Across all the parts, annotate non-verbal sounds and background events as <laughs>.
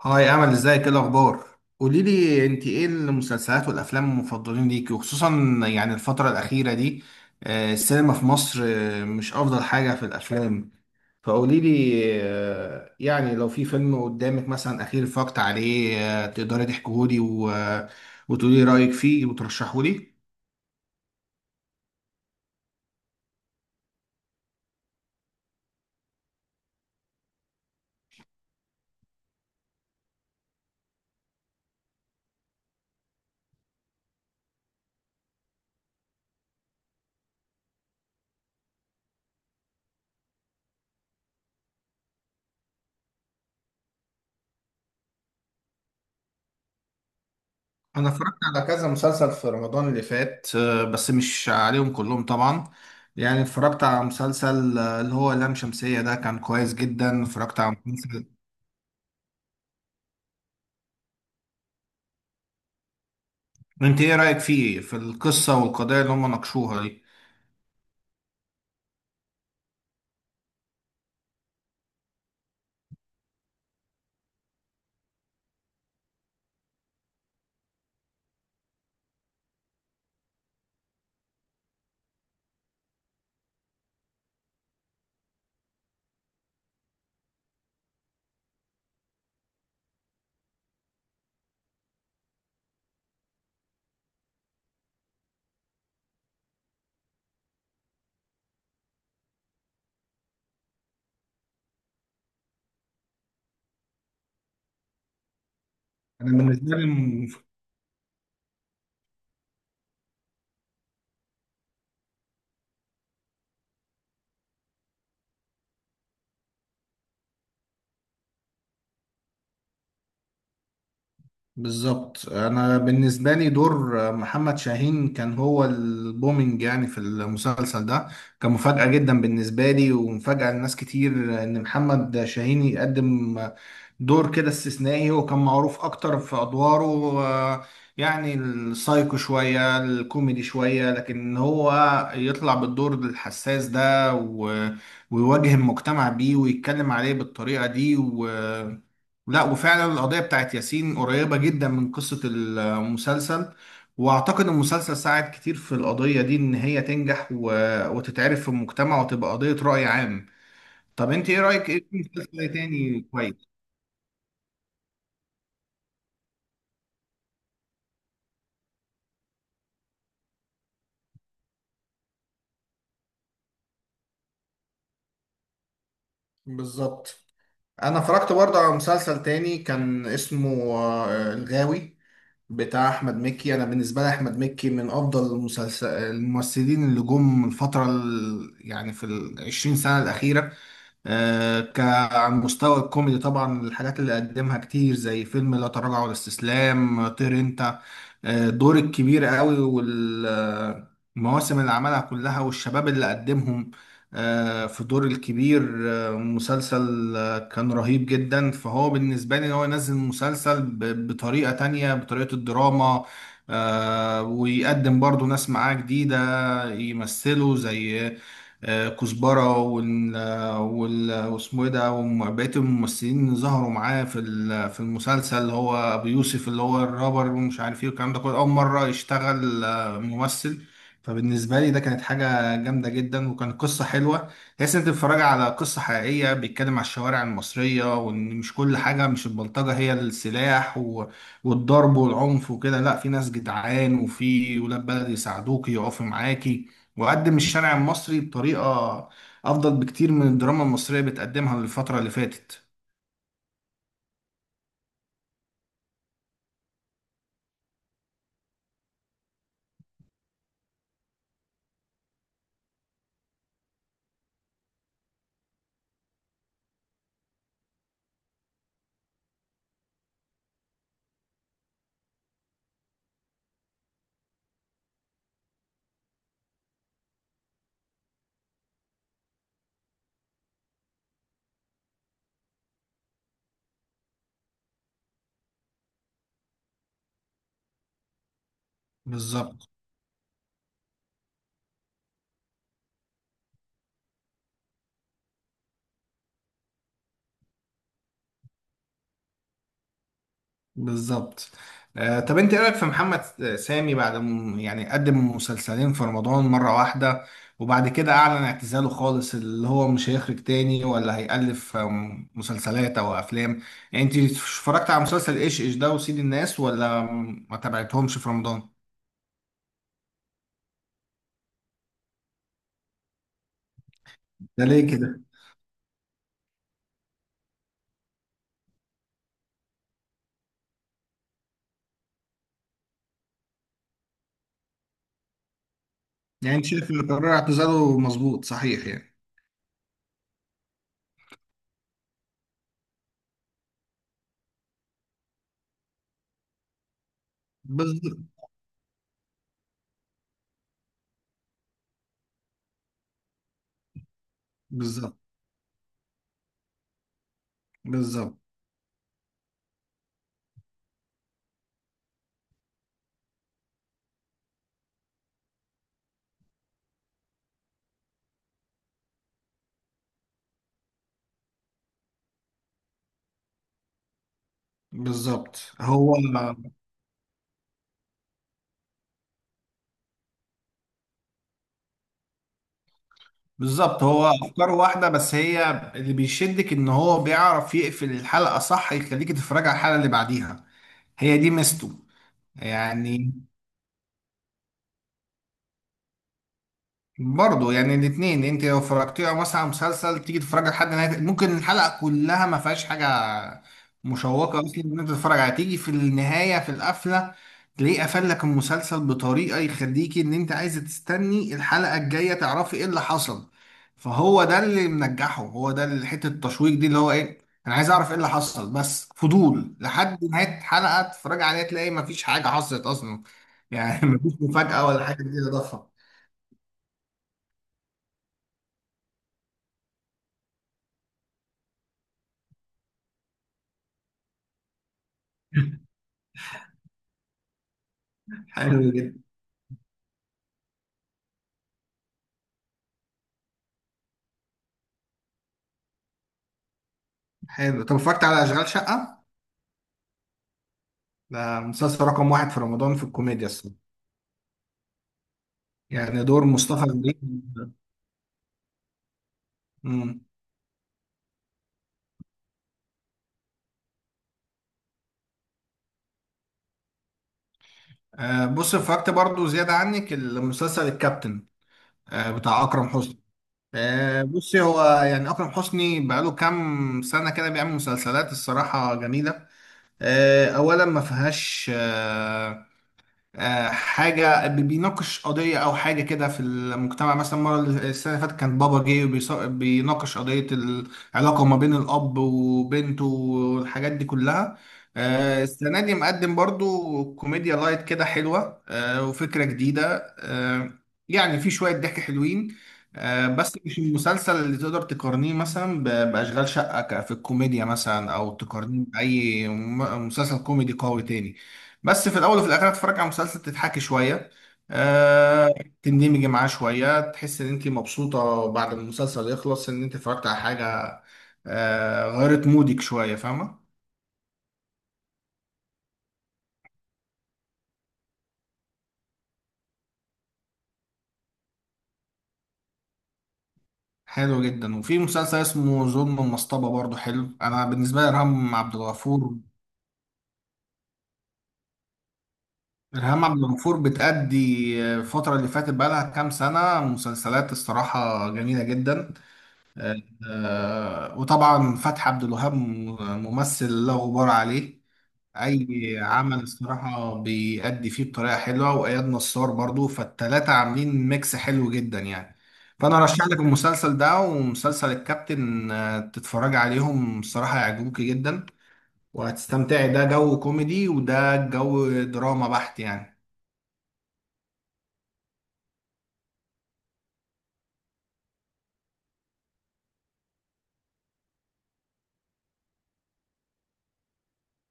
هاي امل، ازيك؟ ايه الاخبار؟ قولي لي انت، ايه المسلسلات والافلام المفضلين ليكي، وخصوصا يعني الفتره الاخيره دي؟ السينما في مصر مش افضل حاجه في الافلام. فقولي لي، يعني لو في فيلم قدامك مثلا اخير اتفرجت عليه، تقدري تحكيه لي وتقولي رايك فيه وترشحه لي؟ انا اتفرجت على كذا مسلسل في رمضان اللي فات، بس مش عليهم كلهم طبعا. يعني اتفرجت على مسلسل اللي هو لام شمسية، ده كان كويس جدا. اتفرجت على مسلسل. انت ايه رأيك فيه، في القصة والقضايا اللي هم ناقشوها دي؟ انا بالنسبة لي بالظبط، انا بالنسبة لي دور محمد شاهين كان هو البومينج يعني في المسلسل ده. كان مفاجأة جدا بالنسبة لي ومفاجأة لناس كتير ان محمد شاهين يقدم دور كده استثنائي، وكان معروف اكتر في ادواره. آه، يعني السايكو شوية، الكوميدي شوية، لكن هو يطلع بالدور الحساس ده ويواجه المجتمع بيه ويتكلم عليه بالطريقة دي. لا، وفعلا القضية بتاعت ياسين قريبة جدا من قصة المسلسل، واعتقد المسلسل ساعد كتير في القضية دي ان هي تنجح وتتعرف في المجتمع وتبقى قضية رأي عام. طب انت ايه رأيك في مسلسل تاني كويس؟ بالظبط. انا اتفرجت برضه على مسلسل تاني كان اسمه الغاوي بتاع احمد مكي. انا بالنسبه لي احمد مكي من افضل الممثلين اللي جم من الفتره، يعني في 20 سنه الاخيره. كعن مستوى الكوميدي طبعا، الحاجات اللي قدمها كتير زي فيلم لا تراجع ولا استسلام، طير انت، دور الكبير قوي، والمواسم اللي عملها كلها والشباب اللي قدمهم في دور الكبير. آه، مسلسل آه، كان رهيب جدا. فهو بالنسبة لي ان هو ينزل مسلسل بطريقة تانية، بطريقة الدراما. ويقدم برضو ناس معاه جديدة يمثلوا زي كزبرة، وال وال واسمه ايه ده، وبقية الممثلين اللي ظهروا معاه في المسلسل، اللي هو أبو يوسف اللي هو الرابر، ومش عارف ايه والكلام ده كله، أول مرة يشتغل ممثل. فبالنسبة لي ده كانت حاجة جامدة جدا، وكانت قصة حلوة. تحس إن أنت بتتفرج على قصة حقيقية، بيتكلم على الشوارع المصرية، وإن مش كل حاجة، مش البلطجة هي السلاح والضرب والعنف وكده. لا، في ناس جدعان وفي ولاد بلد يساعدوك يقفوا معاكي. وقدم الشارع المصري بطريقة أفضل بكتير من الدراما المصرية بتقدمها الفترة اللي فاتت. بالظبط. بالظبط. طب أنت إيه رأيك في محمد سامي بعد؟ يعني قدم مسلسلين في رمضان مرة واحدة، وبعد كده أعلن اعتزاله خالص، اللي هو مش هيخرج تاني ولا هيألف مسلسلات أو أفلام. يعني أنت اتفرجت على مسلسل إيش إيش ده وسيد الناس، ولا ما تابعتهمش في رمضان؟ ده ليه كده؟ يعني أنت شايف إن قرار اعتزاله مظبوط صحيح يعني؟ بالظبط. بالظبط. بالظبط. بالظبط. هو افكاره واحده، بس هي اللي بيشدك ان هو بيعرف يقفل الحلقه صح، يخليك تتفرج على الحلقه اللي بعديها. هي دي ميزته يعني. برضه يعني الاثنين، انت لو فرجتيه او مثلا على مسلسل تيجي تتفرج لحد نهايه، ممكن الحلقه كلها ما فيهاش حاجه مشوقه اصلا ان انت تتفرج عليها، تيجي في النهايه، في القفله تلاقيه قفل لك المسلسل بطريقه يخليكي ان انت عايزه تستني الحلقه الجايه تعرفي ايه اللي حصل. فهو ده اللي منجحه، هو ده اللي حته التشويق دي اللي هو ايه. انا عايز اعرف ايه اللي حصل، بس فضول لحد نهايه حلقه، تتفرج عليها تلاقي ما فيش حاجه حصلت اصلا. يعني <laughs> ما فيش مفاجاه ولا حاجه جديده ضخمه. حلو جدا. حلو. طب اتفرجت على اشغال شقه؟ ده مسلسل رقم واحد في رمضان في الكوميديا الصراحه، يعني دور مصطفى غريب. امم. بص، اتفرجت برضو زياده عنك المسلسل الكابتن، بتاع اكرم حسني. بصي، هو يعني اكرم حسني بقاله كام سنه كده بيعمل مسلسلات الصراحه جميله. اولا ما فيهاش حاجة. بيناقش قضية أو حاجة كده في المجتمع. مثلا، مرة السنة اللي فاتت كان بابا جه، بيناقش قضية العلاقة ما بين الأب وبنته والحاجات دي كلها. السنة دي مقدم برضو كوميديا لايت كده حلوة، وفكرة جديدة. يعني في شوية ضحك حلوين. بس مش المسلسل اللي تقدر تقارنيه مثلا بأشغال شقة في الكوميديا مثلا، أو تقارنيه بأي مسلسل كوميدي قوي تاني. بس في الاول وفي الاخر هتتفرج على مسلسل تضحكي شويه، آه تندمجي معاه شويه، تحس ان انت مبسوطه بعد ما المسلسل يخلص ان انت اتفرجت على حاجه غيرت مودك شويه. فاهمه؟ حلو جدا. وفي مسلسل اسمه ظلم المصطبه برضو حلو. انا بالنسبه لي ارهام عبد الغفور بتأدي الفتره اللي فاتت بقى لها كام سنه مسلسلات الصراحه جميله جدا. وطبعا فتحي عبد الوهاب ممثل لا غبار عليه. اي عمل الصراحه بيأدي فيه بطريقه حلوه، واياد نصار برضو، فالتلاته عاملين ميكس حلو جدا يعني. فانا ارشح لك المسلسل ده ومسلسل الكابتن، تتفرج عليهم الصراحه هيعجبوك جدا وهتستمتعي. ده جو كوميدي وده جو دراما بحت يعني.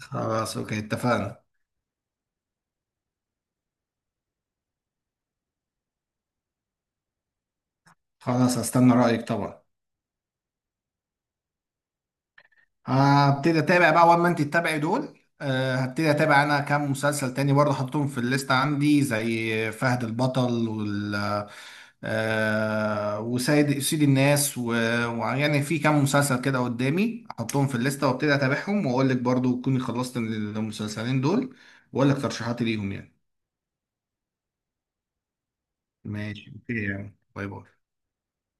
خلاص اوكي اتفقنا. خلاص هستنى رأيك طبعا. هبتدي اتابع بقى اول ما انت تتابعي دول، هبتدي اتابع انا كام مسلسل تاني برضه حطيتهم في الليست عندي زي فهد البطل وسيد الناس، ويعني في كام مسلسل كده قدامي احطهم في الليسته وابتدي اتابعهم، واقول لك برضه تكوني خلصت المسلسلين دول واقول لك ترشيحاتي ليهم يعني. ماشي اوكي يعني، باي باي.